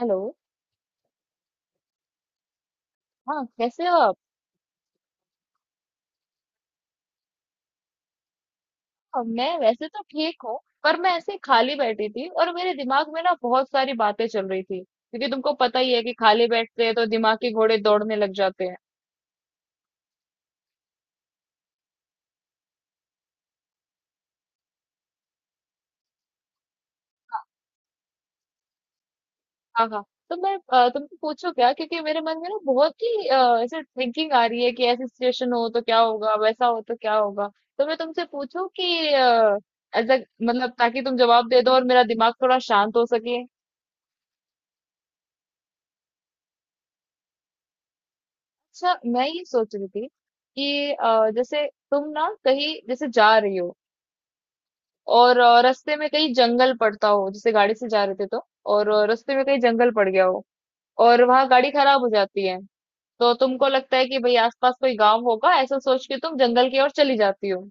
Hello. हाँ, कैसे हो आप? हाँ, मैं वैसे तो ठीक हूँ। पर मैं ऐसे खाली बैठी थी और मेरे दिमाग में ना बहुत सारी बातें चल रही थी, क्योंकि तुमको पता ही है कि खाली बैठते हैं तो दिमाग के घोड़े दौड़ने लग जाते हैं। हाँ। हाँ, हाँ। तो मैं तुमको पूछो क्या, क्योंकि मेरे मन में ना बहुत ही ऐसे थिंकिंग आ रही है कि ऐसी सिचुएशन हो तो क्या होगा, वैसा हो तो क्या होगा। तो मैं तुमसे पूछूं कि एज मतलब, ताकि तुम जवाब दे दो और मेरा दिमाग थोड़ा शांत हो सके। अच्छा, मैं ये सोच रही थी कि जैसे तुम ना कहीं जैसे जा रही हो, और रास्ते में कहीं जंगल पड़ता हो, जैसे गाड़ी से जा रहे थे तो। और रास्ते में कहीं जंगल पड़ गया हो, और वहां गाड़ी खराब हो जाती है। तो तुमको लगता है कि भाई आसपास कोई गांव होगा, ऐसा सोच के तुम जंगल की ओर चली जाती हो।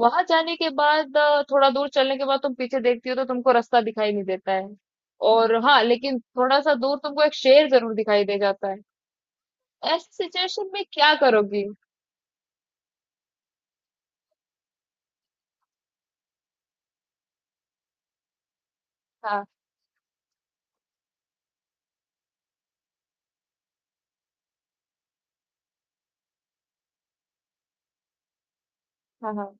वहां जाने के बाद थोड़ा दूर चलने के बाद तुम पीछे देखती हो तो तुमको रास्ता दिखाई नहीं देता है। और हाँ, लेकिन थोड़ा सा दूर तुमको एक शेर जरूर दिखाई दे जाता है। ऐसी सिचुएशन में क्या करोगी? हाँ, हाँ, हाँ।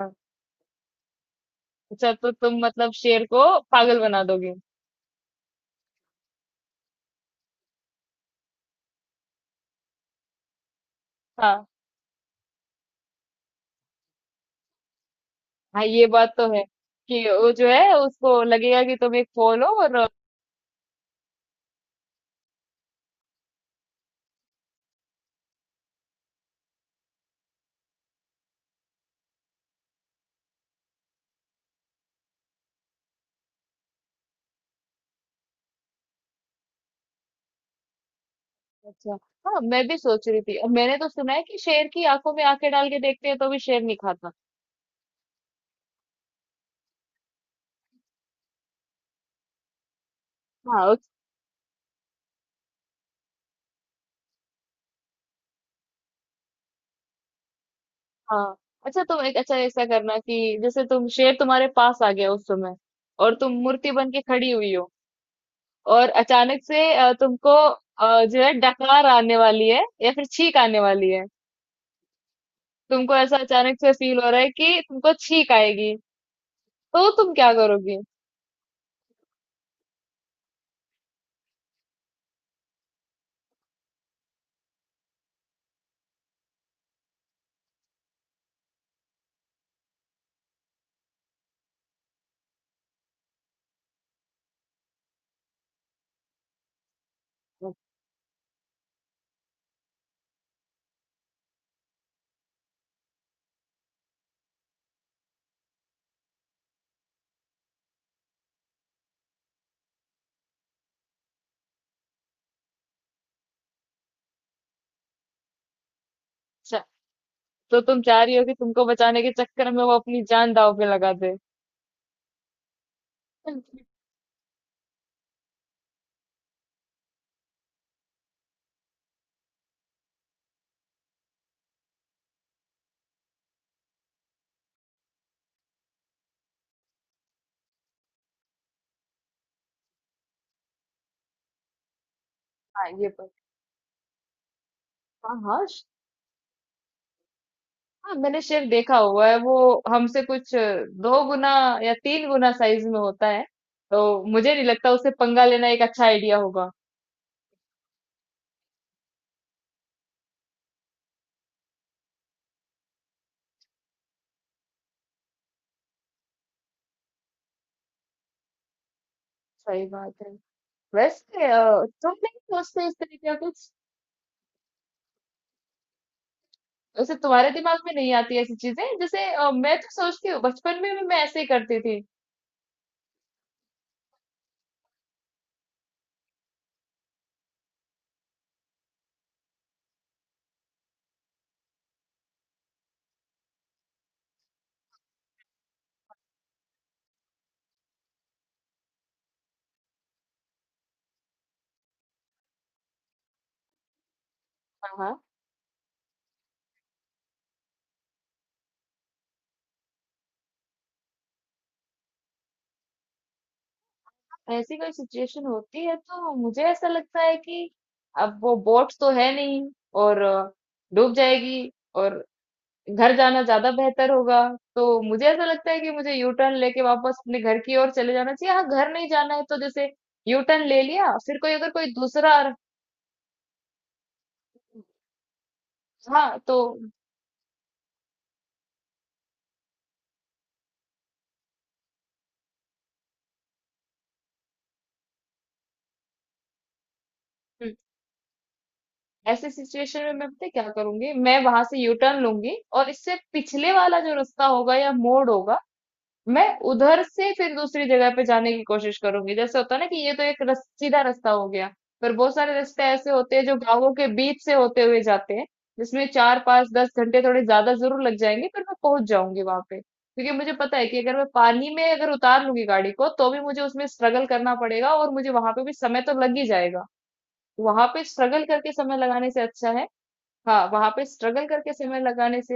हाँ, अच्छा, तो तुम मतलब शेर को पागल बना दोगे। हाँ, हाँ, ये बात तो है कि वो जो है उसको लगेगा कि तुम एक फॉल हो, और अच्छा। हाँ, मैं भी सोच रही थी, और मैंने तो सुना है कि शेर की आंखों में आंखें डाल के देखते हैं तो भी शेर नहीं खाता। हाँ उस, हाँ। अच्छा, तुम एक अच्छा ऐसा करना कि जैसे तुम शेर तुम्हारे पास आ गया उस समय, और तुम मूर्ति बन के खड़ी हुई हो, और अचानक से तुमको जो है डकार आने वाली है या फिर छींक आने वाली है। तुमको ऐसा अचानक से फील हो रहा है कि तुमको छींक आएगी, तो तुम क्या करोगी? अच्छा, तो तुम चाह रही हो कि तुमको बचाने के चक्कर में वो अपनी जान दांव पे लगा दे। हाँ ये पर। हाँ, हाँ, श-। हाँ, मैंने शेर देखा हुआ है, वो हमसे कुछ दो गुना या तीन गुना साइज में होता है, तो मुझे नहीं लगता उसे पंगा लेना एक अच्छा आइडिया होगा। सही बात है। वैसे तुम नहीं सोचते इस तरीके का कुछ? वैसे तुम्हारे दिमाग में नहीं आती ऐसी चीजें? जैसे मैं तो सोचती हूँ, बचपन में भी मैं ऐसे ही करती थी। हाँ, ऐसी कोई सिचुएशन होती है तो मुझे ऐसा लगता है कि अब वो बोट तो है नहीं, और डूब जाएगी, और घर जाना ज्यादा बेहतर होगा। तो मुझे ऐसा लगता है कि मुझे यू टर्न लेके वापस अपने घर की ओर चले जाना चाहिए। हाँ, घर नहीं जाना है तो जैसे यू टर्न ले लिया, फिर कोई अगर कोई दूसरा। हाँ तो। हम्म, ऐसे सिचुएशन में मैं पता है क्या करूंगी, मैं वहां से यू टर्न लूंगी और इससे पिछले वाला जो रास्ता होगा या मोड़ होगा, मैं उधर से फिर दूसरी जगह पे जाने की कोशिश करूंगी। जैसे होता है ना कि ये तो एक रस, सीधा रास्ता हो गया, पर बहुत सारे रास्ते ऐसे होते हैं जो गांवों के बीच से होते हुए जाते हैं, जिसमें चार पांच दस घंटे थोड़े ज्यादा जरूर लग जाएंगे, पर मैं पहुंच जाऊंगी वहां पे। क्योंकि मुझे पता है कि अगर मैं पानी में अगर उतार लूंगी गाड़ी को तो भी मुझे उसमें स्ट्रगल करना पड़ेगा, और मुझे वहां पे भी समय तो लग ही जाएगा। वहां पे स्ट्रगल करके समय लगाने से अच्छा है। हाँ, वहां पे स्ट्रगल करके समय लगाने से,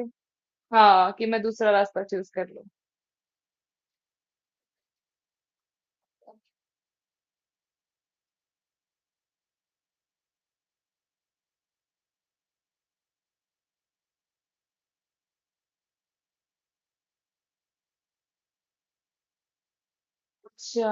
हाँ कि मैं दूसरा रास्ता चूज कर लूं। अच्छा।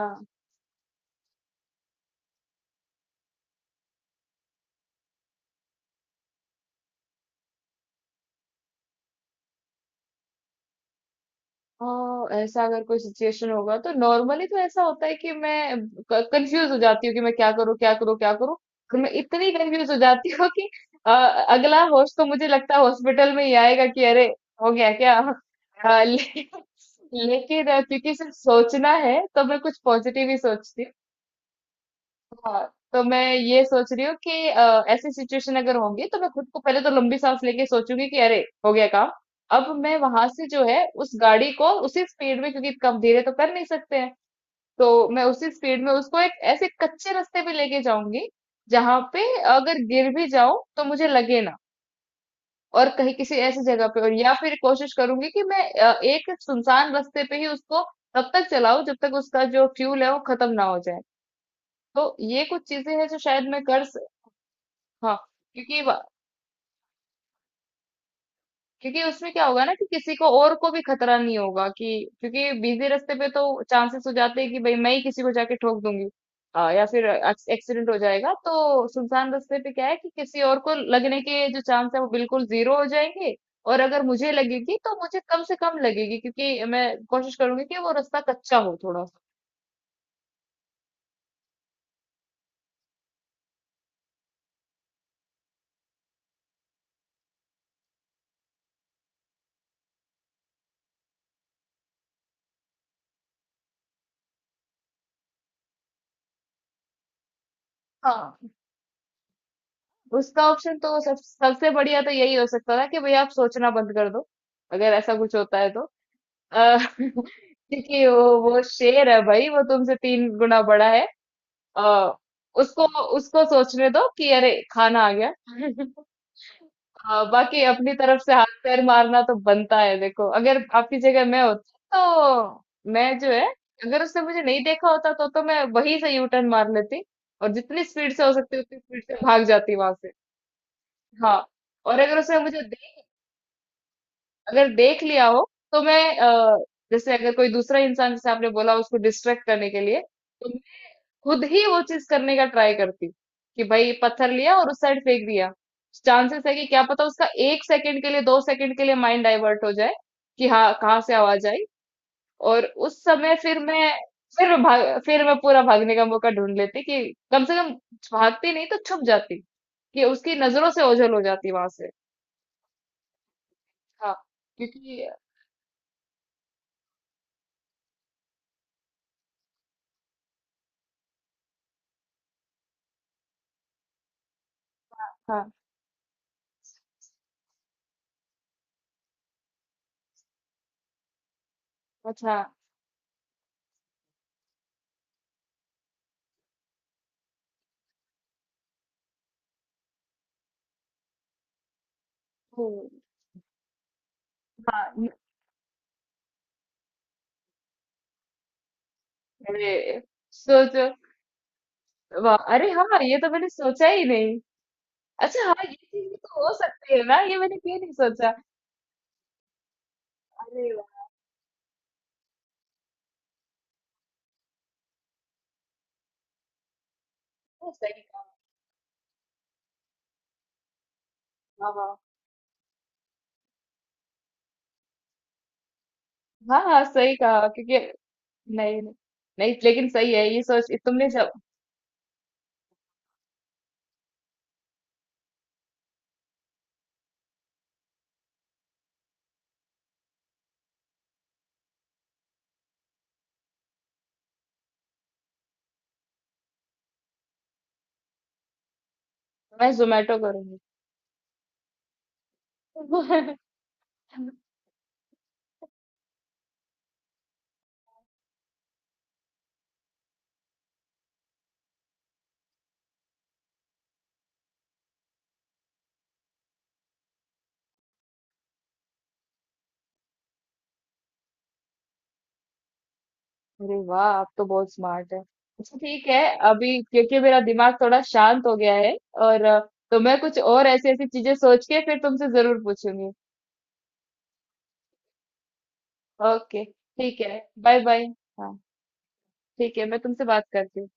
हाँ, ऐसा अगर कोई सिचुएशन होगा तो नॉर्मली तो ऐसा होता है कि मैं कंफ्यूज हो जाती हूँ कि मैं क्या करूँ क्या करूँ क्या करूँ, और मैं इतनी कंफ्यूज हो जाती हूँ कि अ, अगला होश तो मुझे लगता है हॉस्पिटल में ही आएगा कि अरे हो गया क्या लेकिन क्योंकि सिर्फ सोचना है तो मैं कुछ पॉजिटिव ही सोचती हूँ। हाँ, तो मैं ये सोच रही हूँ कि ऐसी सिचुएशन अगर होगी तो मैं खुद को पहले तो लंबी सांस लेके सोचूंगी कि अरे हो गया काम। अब मैं वहां से जो है उस गाड़ी को उसी स्पीड में, क्योंकि कम धीरे तो कर नहीं सकते हैं, तो मैं उसी स्पीड में उसको एक ऐसे कच्चे रास्ते पे लेके जाऊंगी जहां पे अगर गिर भी जाऊं तो मुझे लगे ना, और कहीं किसी ऐसी जगह पे, और या फिर कोशिश करूंगी कि मैं एक सुनसान रास्ते पे ही उसको तब तक चलाऊं जब तक उसका जो फ्यूल है वो खत्म ना हो जाए। तो ये कुछ चीजें हैं जो शायद मैं कर। हाँ, क्योंकि क्योंकि उसमें क्या होगा ना कि किसी को और को भी खतरा नहीं होगा कि, क्योंकि बिजी रास्ते पे तो चांसेस हो जाते हैं कि भाई मैं ही किसी को जाके ठोक दूंगी, या फिर एक्सीडेंट हो जाएगा। तो सुनसान रास्ते पे क्या है कि किसी और को लगने के जो चांस है वो बिल्कुल जीरो हो जाएंगे, और अगर मुझे लगेगी तो मुझे कम से कम लगेगी, क्योंकि मैं कोशिश करूंगी कि वो रास्ता कच्चा हो थोड़ा सा। हाँ, उसका ऑप्शन तो सब सबसे बढ़िया तो यही हो सकता था कि भाई आप सोचना बंद कर दो, अगर ऐसा कुछ होता है तो। अ, क्योंकि वो शेर है भाई, वो तुमसे तीन गुना बड़ा है। अ, उसको उसको सोचने दो कि अरे खाना आ गया। बाकी अपनी तरफ से हाथ पैर मारना तो बनता है। देखो, अगर आपकी जगह मैं होती तो मैं जो है, अगर उसने मुझे नहीं देखा होता तो मैं वहीं से यू टर्न मार लेती और जितनी स्पीड से हो सकती उतनी स्पीड से भाग जाती वहां से। हाँ, और अगर उसने मुझे देख, अगर देख लिया हो तो मैं जैसे अगर कोई दूसरा इंसान जैसे आपने बोला उसको डिस्ट्रैक्ट करने के लिए, तो मैं खुद ही वो चीज करने का ट्राई करती कि भाई पत्थर लिया और उस साइड फेंक दिया। चांसेस है कि क्या पता उसका एक सेकंड के लिए दो सेकंड के लिए माइंड डाइवर्ट हो जाए कि हाँ कहाँ से आवाज आई, और उस समय फिर मैं भाग फिर मैं पूरा भागने का मौका ढूंढ लेती कि कम से कम भागती नहीं तो छुप जाती, कि उसकी नजरों से ओझल हो जाती वहां से। हाँ, क्योंकि हाँ। अच्छा। हम्म। हाँ, न-। अरे, सोचो, वाह, अरे हाँ, ये तो मैंने सोचा ही नहीं। अच्छा, हाँ, ये चीज भी तो हो सकती है ना, ये मैंने क्यों नहीं सोचा। अरे, वाह, सही कहा। वाह, वाह। हाँ, हाँ, सही कहा क्योंकि नहीं, नहीं, नहीं, लेकिन सही है ये सोच तुमने जब। मैं जोमेटो करूंगी। अरे वाह, आप तो बहुत स्मार्ट है। अच्छा ठीक है। अभी क्योंकि मेरा दिमाग थोड़ा शांत हो गया है, और तो मैं कुछ और ऐसी ऐसी चीजें सोच के फिर तुमसे जरूर पूछूंगी। ओके, ठीक है। Bye, bye. ठीक है, मैं तुमसे बात करती हूँ।